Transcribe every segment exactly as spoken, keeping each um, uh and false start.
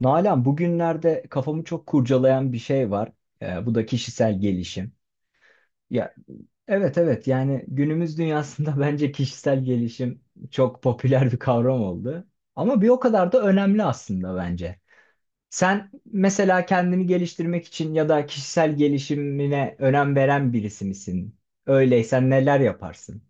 Nalan, bugünlerde kafamı çok kurcalayan bir şey var. Ee, bu da kişisel gelişim. Ya evet evet yani günümüz dünyasında bence kişisel gelişim çok popüler bir kavram oldu. Ama bir o kadar da önemli aslında bence. Sen mesela kendini geliştirmek için ya da kişisel gelişimine önem veren birisi misin? Öyleysen neler yaparsın?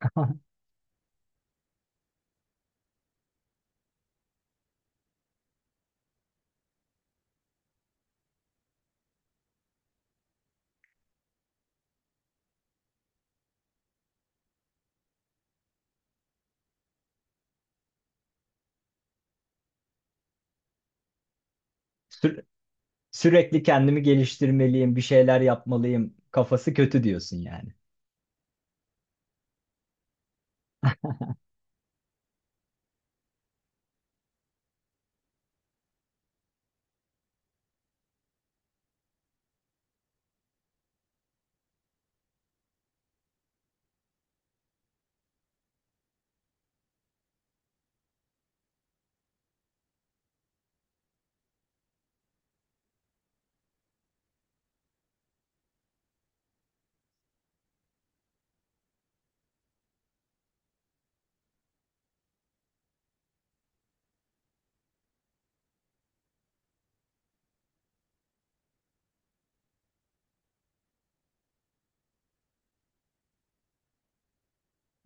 Sü- Sürekli kendimi geliştirmeliyim, bir şeyler yapmalıyım. Kafası kötü diyorsun yani.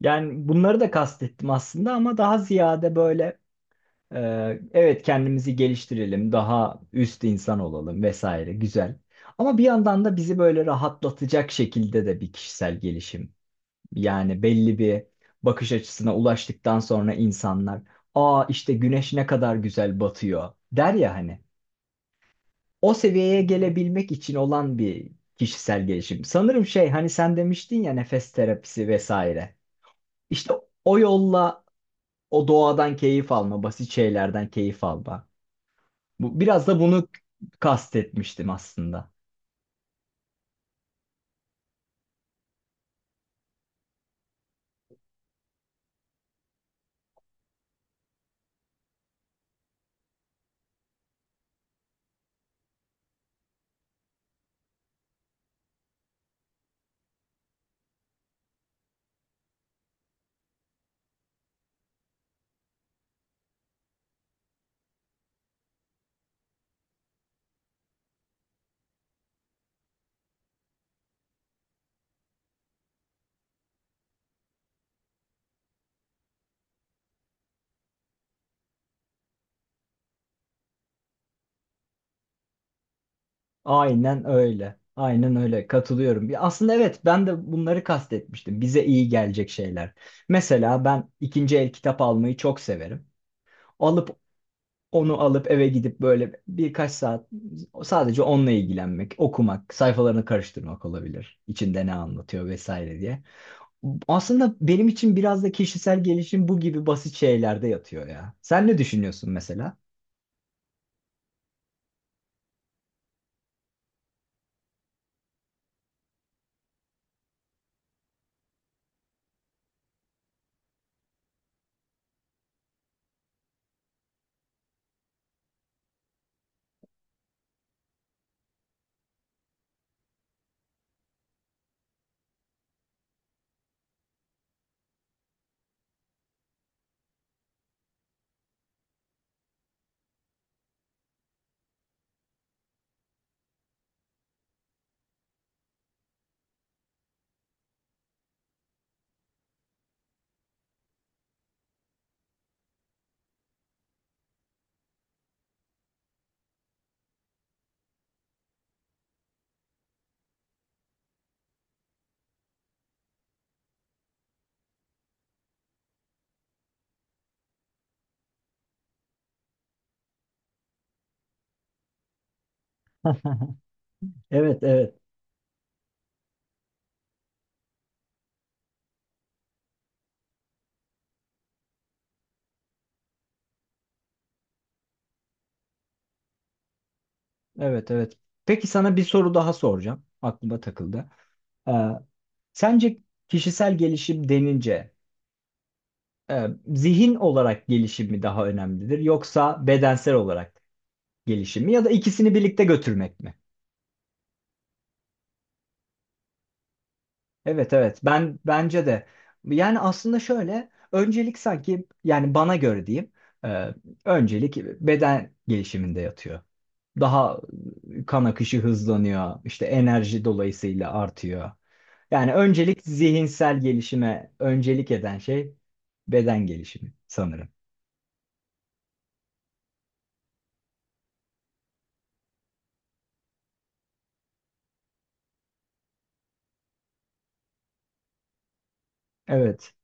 Yani bunları da kastettim aslında ama daha ziyade böyle, e, evet kendimizi geliştirelim, daha üst insan olalım vesaire güzel. Ama bir yandan da bizi böyle rahatlatacak şekilde de bir kişisel gelişim. Yani belli bir bakış açısına ulaştıktan sonra insanlar, aa işte güneş ne kadar güzel batıyor der ya hani. O seviyeye gelebilmek için olan bir kişisel gelişim. Sanırım şey, hani sen demiştin ya nefes terapisi vesaire. İşte o yolla o doğadan keyif alma, basit şeylerden keyif alma. Bu, biraz da bunu kastetmiştim aslında. Aynen öyle. Aynen öyle. Katılıyorum. Ya aslında evet, ben de bunları kastetmiştim. Bize iyi gelecek şeyler. Mesela ben ikinci el kitap almayı çok severim. Alıp onu alıp eve gidip böyle birkaç saat sadece onunla ilgilenmek, okumak, sayfalarını karıştırmak olabilir. İçinde ne anlatıyor vesaire diye. Aslında benim için biraz da kişisel gelişim bu gibi basit şeylerde yatıyor ya. Sen ne düşünüyorsun mesela? Evet, evet, evet, evet. Peki sana bir soru daha soracağım. Aklıma takıldı. Ee, Sence kişisel gelişim denince, e, zihin olarak gelişim mi daha önemlidir yoksa bedensel olarak gelişim mi ya da ikisini birlikte götürmek mi? Evet evet, ben bence de, yani aslında şöyle, öncelik sanki, yani bana göre diyeyim, e, öncelik beden gelişiminde yatıyor. Daha kan akışı hızlanıyor, işte enerji dolayısıyla artıyor. Yani öncelik zihinsel gelişime öncelik eden şey beden gelişimi sanırım. Evet.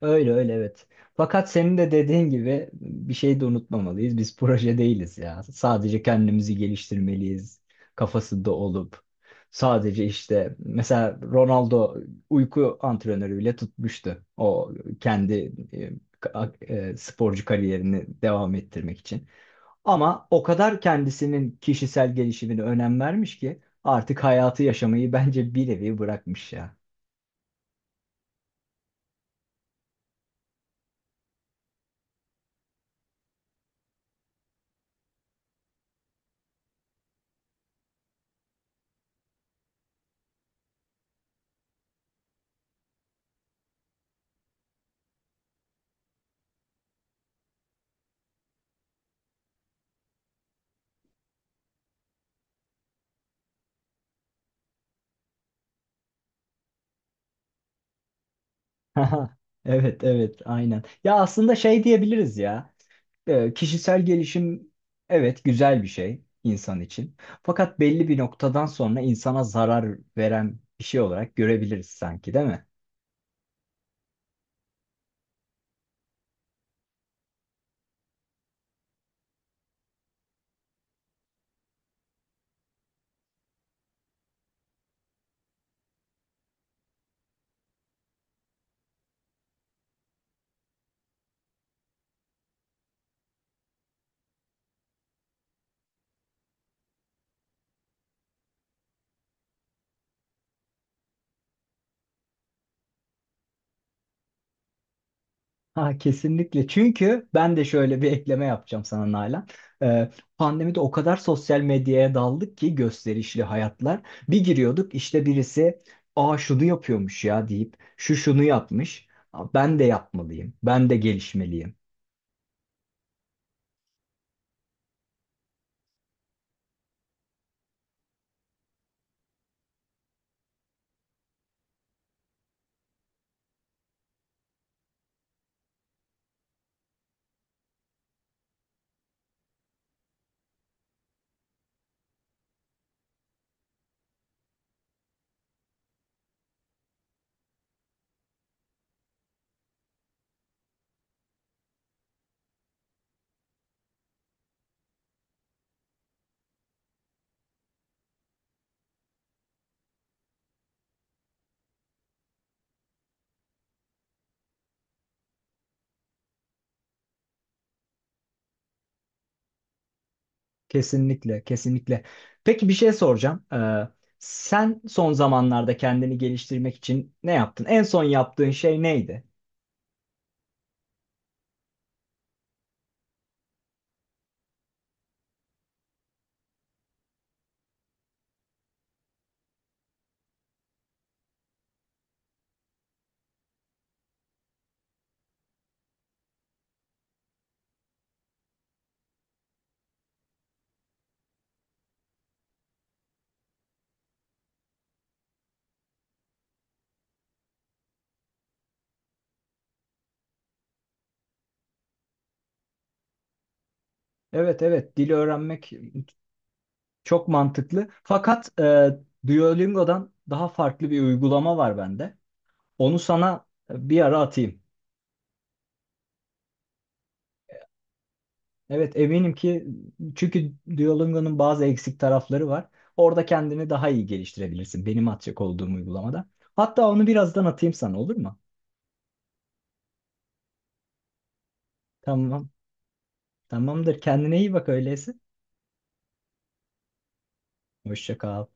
Öyle öyle, evet. Fakat senin de dediğin gibi bir şey de unutmamalıyız. Biz proje değiliz ya. Sadece kendimizi geliştirmeliyiz kafasında olup. Sadece işte mesela Ronaldo uyku antrenörü bile tutmuştu. O kendi, e, ka- e, sporcu kariyerini devam ettirmek için. Ama o kadar kendisinin kişisel gelişimine önem vermiş ki artık hayatı yaşamayı bence bir nevi bırakmış ya. Aha, evet evet aynen. Ya aslında şey diyebiliriz ya. Ee, kişisel gelişim, evet, güzel bir şey insan için. Fakat belli bir noktadan sonra insana zarar veren bir şey olarak görebiliriz sanki, değil mi? Ha, kesinlikle. Çünkü ben de şöyle bir ekleme yapacağım sana Nalan. Ee, Pandemide o kadar sosyal medyaya daldık ki, gösterişli hayatlar. Bir giriyorduk, işte birisi aa şunu yapıyormuş ya deyip, şu şunu yapmış. Aa, ben de yapmalıyım. Ben de gelişmeliyim. Kesinlikle, kesinlikle. Peki, bir şey soracağım. Ee, sen son zamanlarda kendini geliştirmek için ne yaptın? En son yaptığın şey neydi? Evet, evet, dili öğrenmek çok mantıklı. Fakat e, Duolingo'dan daha farklı bir uygulama var bende. Onu sana, e, bir ara atayım. Evet, eminim ki çünkü Duolingo'nun bazı eksik tarafları var. Orada kendini daha iyi geliştirebilirsin benim atacak olduğum uygulamada. Hatta onu birazdan atayım sana, olur mu? Tamam. Tamamdır. Kendine iyi bak öyleyse. Hoşça kal.